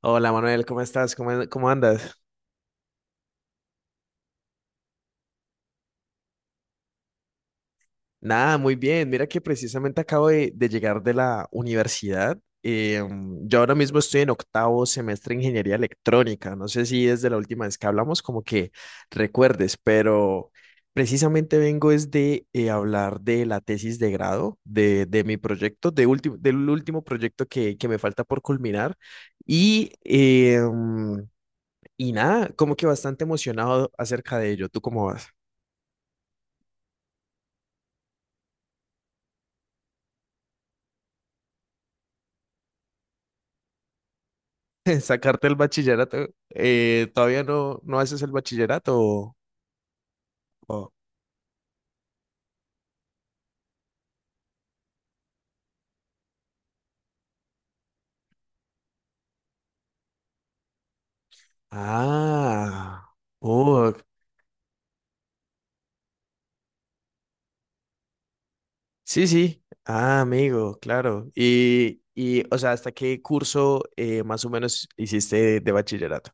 Hola Manuel, ¿cómo estás? ¿Cómo andas? Nada, muy bien. Mira que precisamente acabo de llegar de la universidad. Yo ahora mismo estoy en octavo semestre de ingeniería electrónica. No sé si desde la última vez que hablamos como que recuerdes, pero precisamente vengo es de hablar de la tesis de grado, de mi proyecto, del último proyecto que me falta por culminar. Y, eh, y nada, como que bastante emocionado acerca de ello. ¿Tú cómo vas? Sacarte el bachillerato. ¿Todavía no haces el bachillerato? O- Ah, oh, sí, sí. Ah, amigo, claro. O sea, ¿hasta qué curso más o menos hiciste de bachillerato?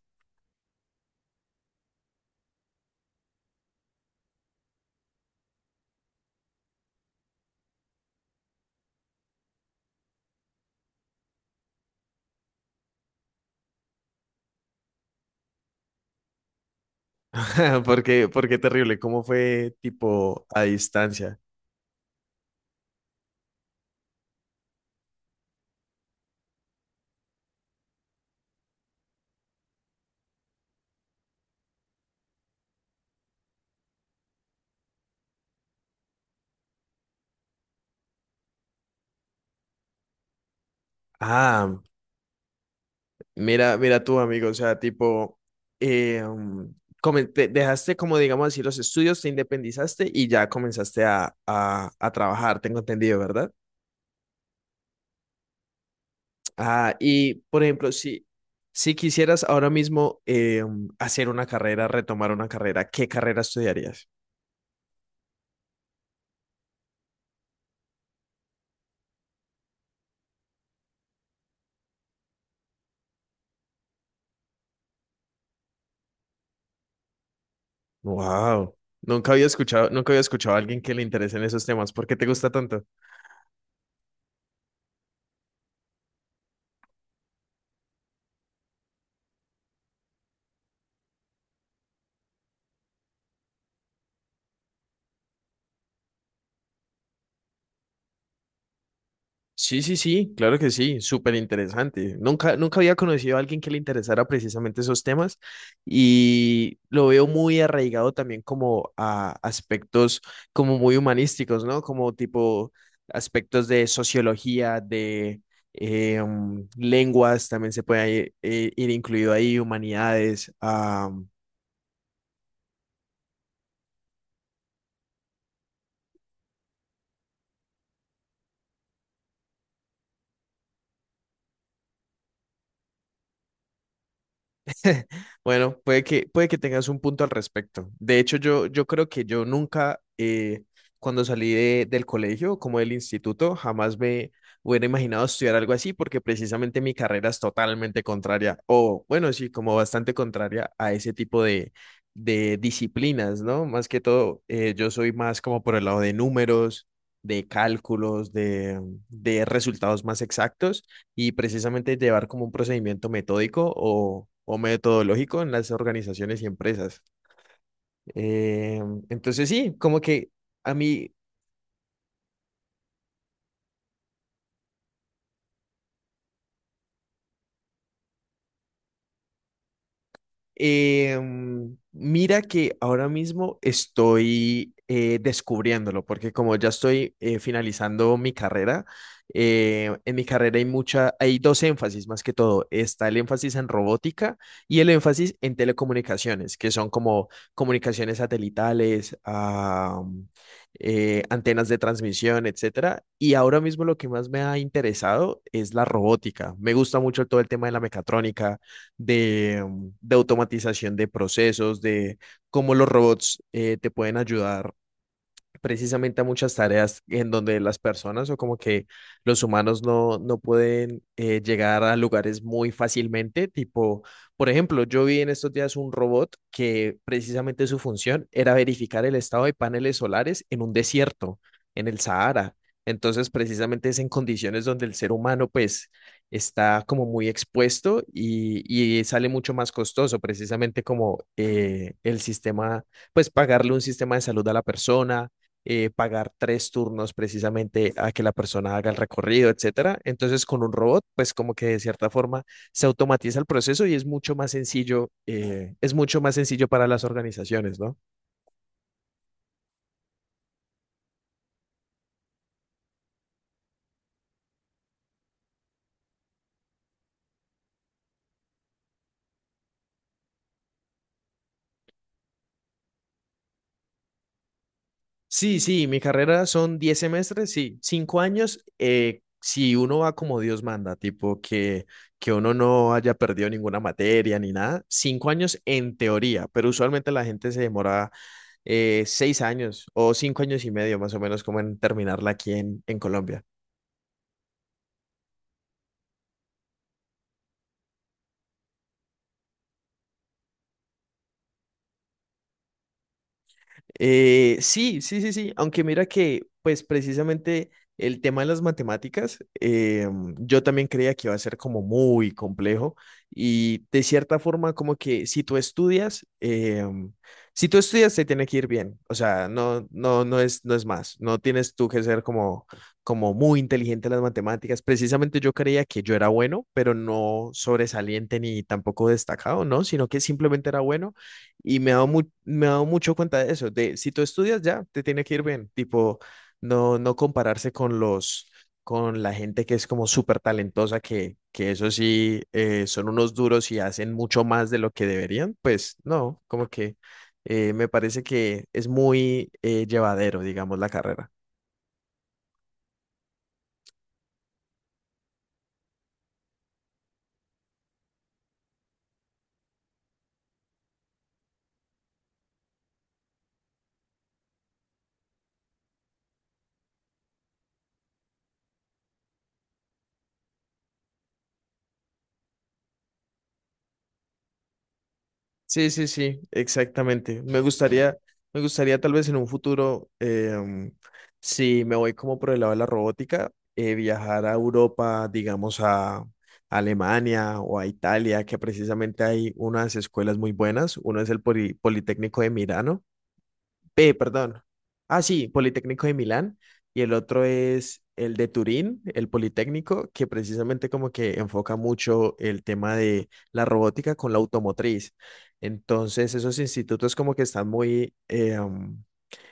Porque terrible. ¿Cómo fue tipo a distancia? Ah, mira, mira tú, amigo, o sea, tipo, eh, um, dejaste como, digamos así, los estudios, te independizaste y ya comenzaste a trabajar, tengo entendido, ¿verdad? Ah, y, por ejemplo, si quisieras ahora mismo hacer una carrera, retomar una carrera, ¿qué carrera estudiarías? Wow, nunca había escuchado a alguien que le interesen esos temas. ¿Por qué te gusta tanto? Sí, sí, sí, claro que sí, súper interesante. Nunca había conocido a alguien que le interesara precisamente esos temas y lo veo muy arraigado también como a aspectos como muy humanísticos, ¿no? Como tipo aspectos de sociología, de lenguas, también se puede ahí, ir incluido ahí, humanidades. Bueno, puede que tengas un punto al respecto. De hecho, yo creo que yo nunca, cuando salí del colegio, como del instituto, jamás me hubiera imaginado estudiar algo así, porque precisamente mi carrera es totalmente contraria, o bueno, sí, como bastante contraria a ese tipo de disciplinas, ¿no? Más que todo, yo soy más como por el lado de números, de cálculos, de resultados más exactos y precisamente llevar como un procedimiento metódico o metodológico en las organizaciones y empresas. Eh, entonces sí, como que a mí Eh, mira que ahora mismo estoy descubriéndolo, porque como ya estoy finalizando mi carrera, en mi carrera hay dos énfasis más que todo. Está el énfasis en robótica y el énfasis en telecomunicaciones, que son como comunicaciones satelitales, antenas de transmisión, etcétera. Y ahora mismo lo que más me ha interesado es la robótica. Me gusta mucho todo el tema de la mecatrónica, de de automatización de procesos, de cómo los robots te pueden ayudar precisamente a muchas tareas en donde las personas o como que los humanos no pueden llegar a lugares muy fácilmente. Tipo, por ejemplo, yo vi en estos días un robot que precisamente su función era verificar el estado de paneles solares en un desierto, en el Sahara. Entonces, precisamente es en condiciones donde el ser humano, pues, está como muy expuesto y sale mucho más costoso, precisamente como el sistema, pues, pagarle un sistema de salud a la persona, pagar tres turnos precisamente a que la persona haga el recorrido, etcétera. Entonces, con un robot, pues como que de cierta forma se automatiza el proceso y es mucho más sencillo, es mucho más sencillo para las organizaciones, ¿no? Sí, sí, mi carrera son 10 semestres, sí, 5 años, si uno va como Dios manda, tipo que uno no haya perdido ninguna materia ni nada, 5 años en teoría, pero usualmente la gente se demora 6 años o 5 años y medio más o menos como en terminarla aquí en Colombia. Sí, sí, sí, sí, aunque mira que, pues precisamente el tema de las matemáticas, yo también creía que iba a ser como muy complejo y de cierta forma como que si tú estudias, si tú estudias te tiene que ir bien, o sea, no, no, no es más, no tienes tú que ser como, como muy inteligente en las matemáticas, precisamente yo creía que yo era bueno, pero no sobresaliente ni tampoco destacado, ¿no? Sino que simplemente era bueno y me he me he dado mucho cuenta de eso, de si tú estudias ya, te tiene que ir bien, tipo, no compararse con con la gente que es como súper talentosa, que eso sí, son unos duros y hacen mucho más de lo que deberían, pues no, como que me parece que es muy llevadero, digamos, la carrera. Sí, sí, sí, exactamente. Me gustaría tal vez en un futuro, si me voy como por el lado de la robótica, viajar a Europa, digamos a Alemania o a Italia, que precisamente hay unas escuelas muy buenas. Uno es el Politécnico de Milano, P, perdón. Ah, sí, Politécnico de Milán. Y el otro es el de Turín, el Politécnico, que precisamente como que enfoca mucho el tema de la robótica con la automotriz. Entonces, esos institutos como que están muy,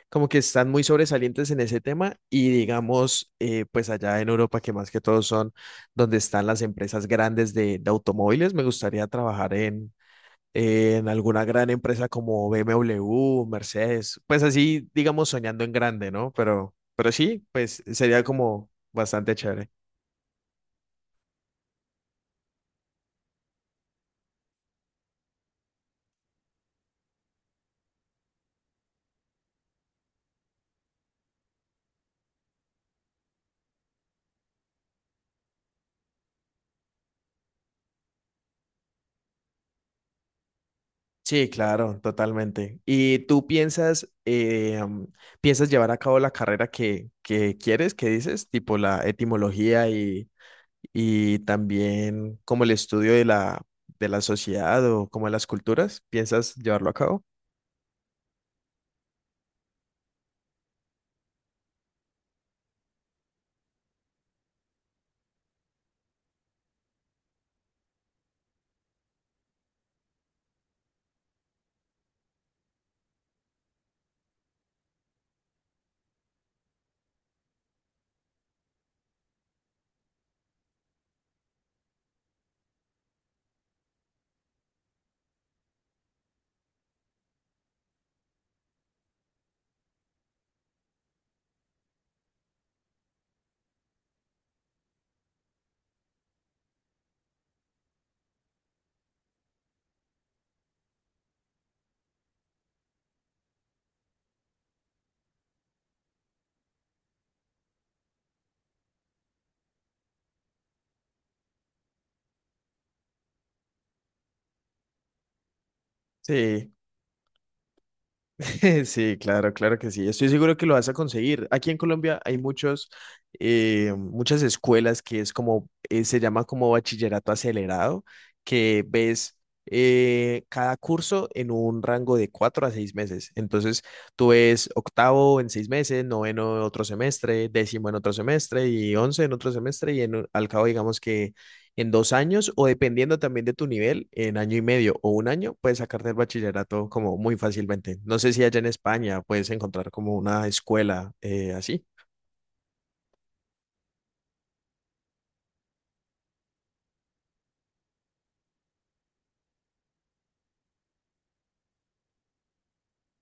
como que están muy sobresalientes en ese tema y digamos, pues allá en Europa, que más que todo son donde están las empresas grandes de automóviles, me gustaría trabajar en alguna gran empresa como BMW, Mercedes, pues así, digamos, soñando en grande, ¿no? Pero sí, pues sería como bastante chévere. Sí, claro, totalmente. ¿Y tú piensas, piensas llevar a cabo la carrera que quieres, que dices, tipo la etimología y también como el estudio de de la sociedad o como de las culturas? ¿Piensas llevarlo a cabo? Sí. Sí, claro, claro que sí. Estoy seguro que lo vas a conseguir. Aquí en Colombia hay muchos, muchas escuelas que es como, se llama como bachillerato acelerado, que ves cada curso en un rango de cuatro a seis meses. Entonces, tú ves octavo en seis meses, noveno en otro semestre, décimo en otro semestre y once en otro semestre y en, al cabo digamos que en dos años o dependiendo también de tu nivel, en año y medio o un año, puedes sacarte el bachillerato como muy fácilmente. No sé si allá en España puedes encontrar como una escuela así.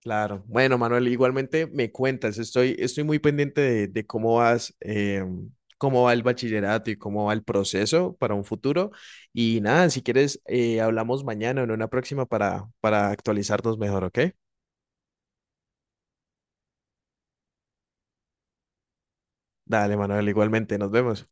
Claro. Bueno, Manuel, igualmente me cuentas, estoy muy pendiente de cómo vas, cómo va el bachillerato y cómo va el proceso para un futuro. Y nada, si quieres, hablamos mañana o en una próxima para actualizarnos mejor, ¿ok? Dale, Manuel, igualmente, nos vemos.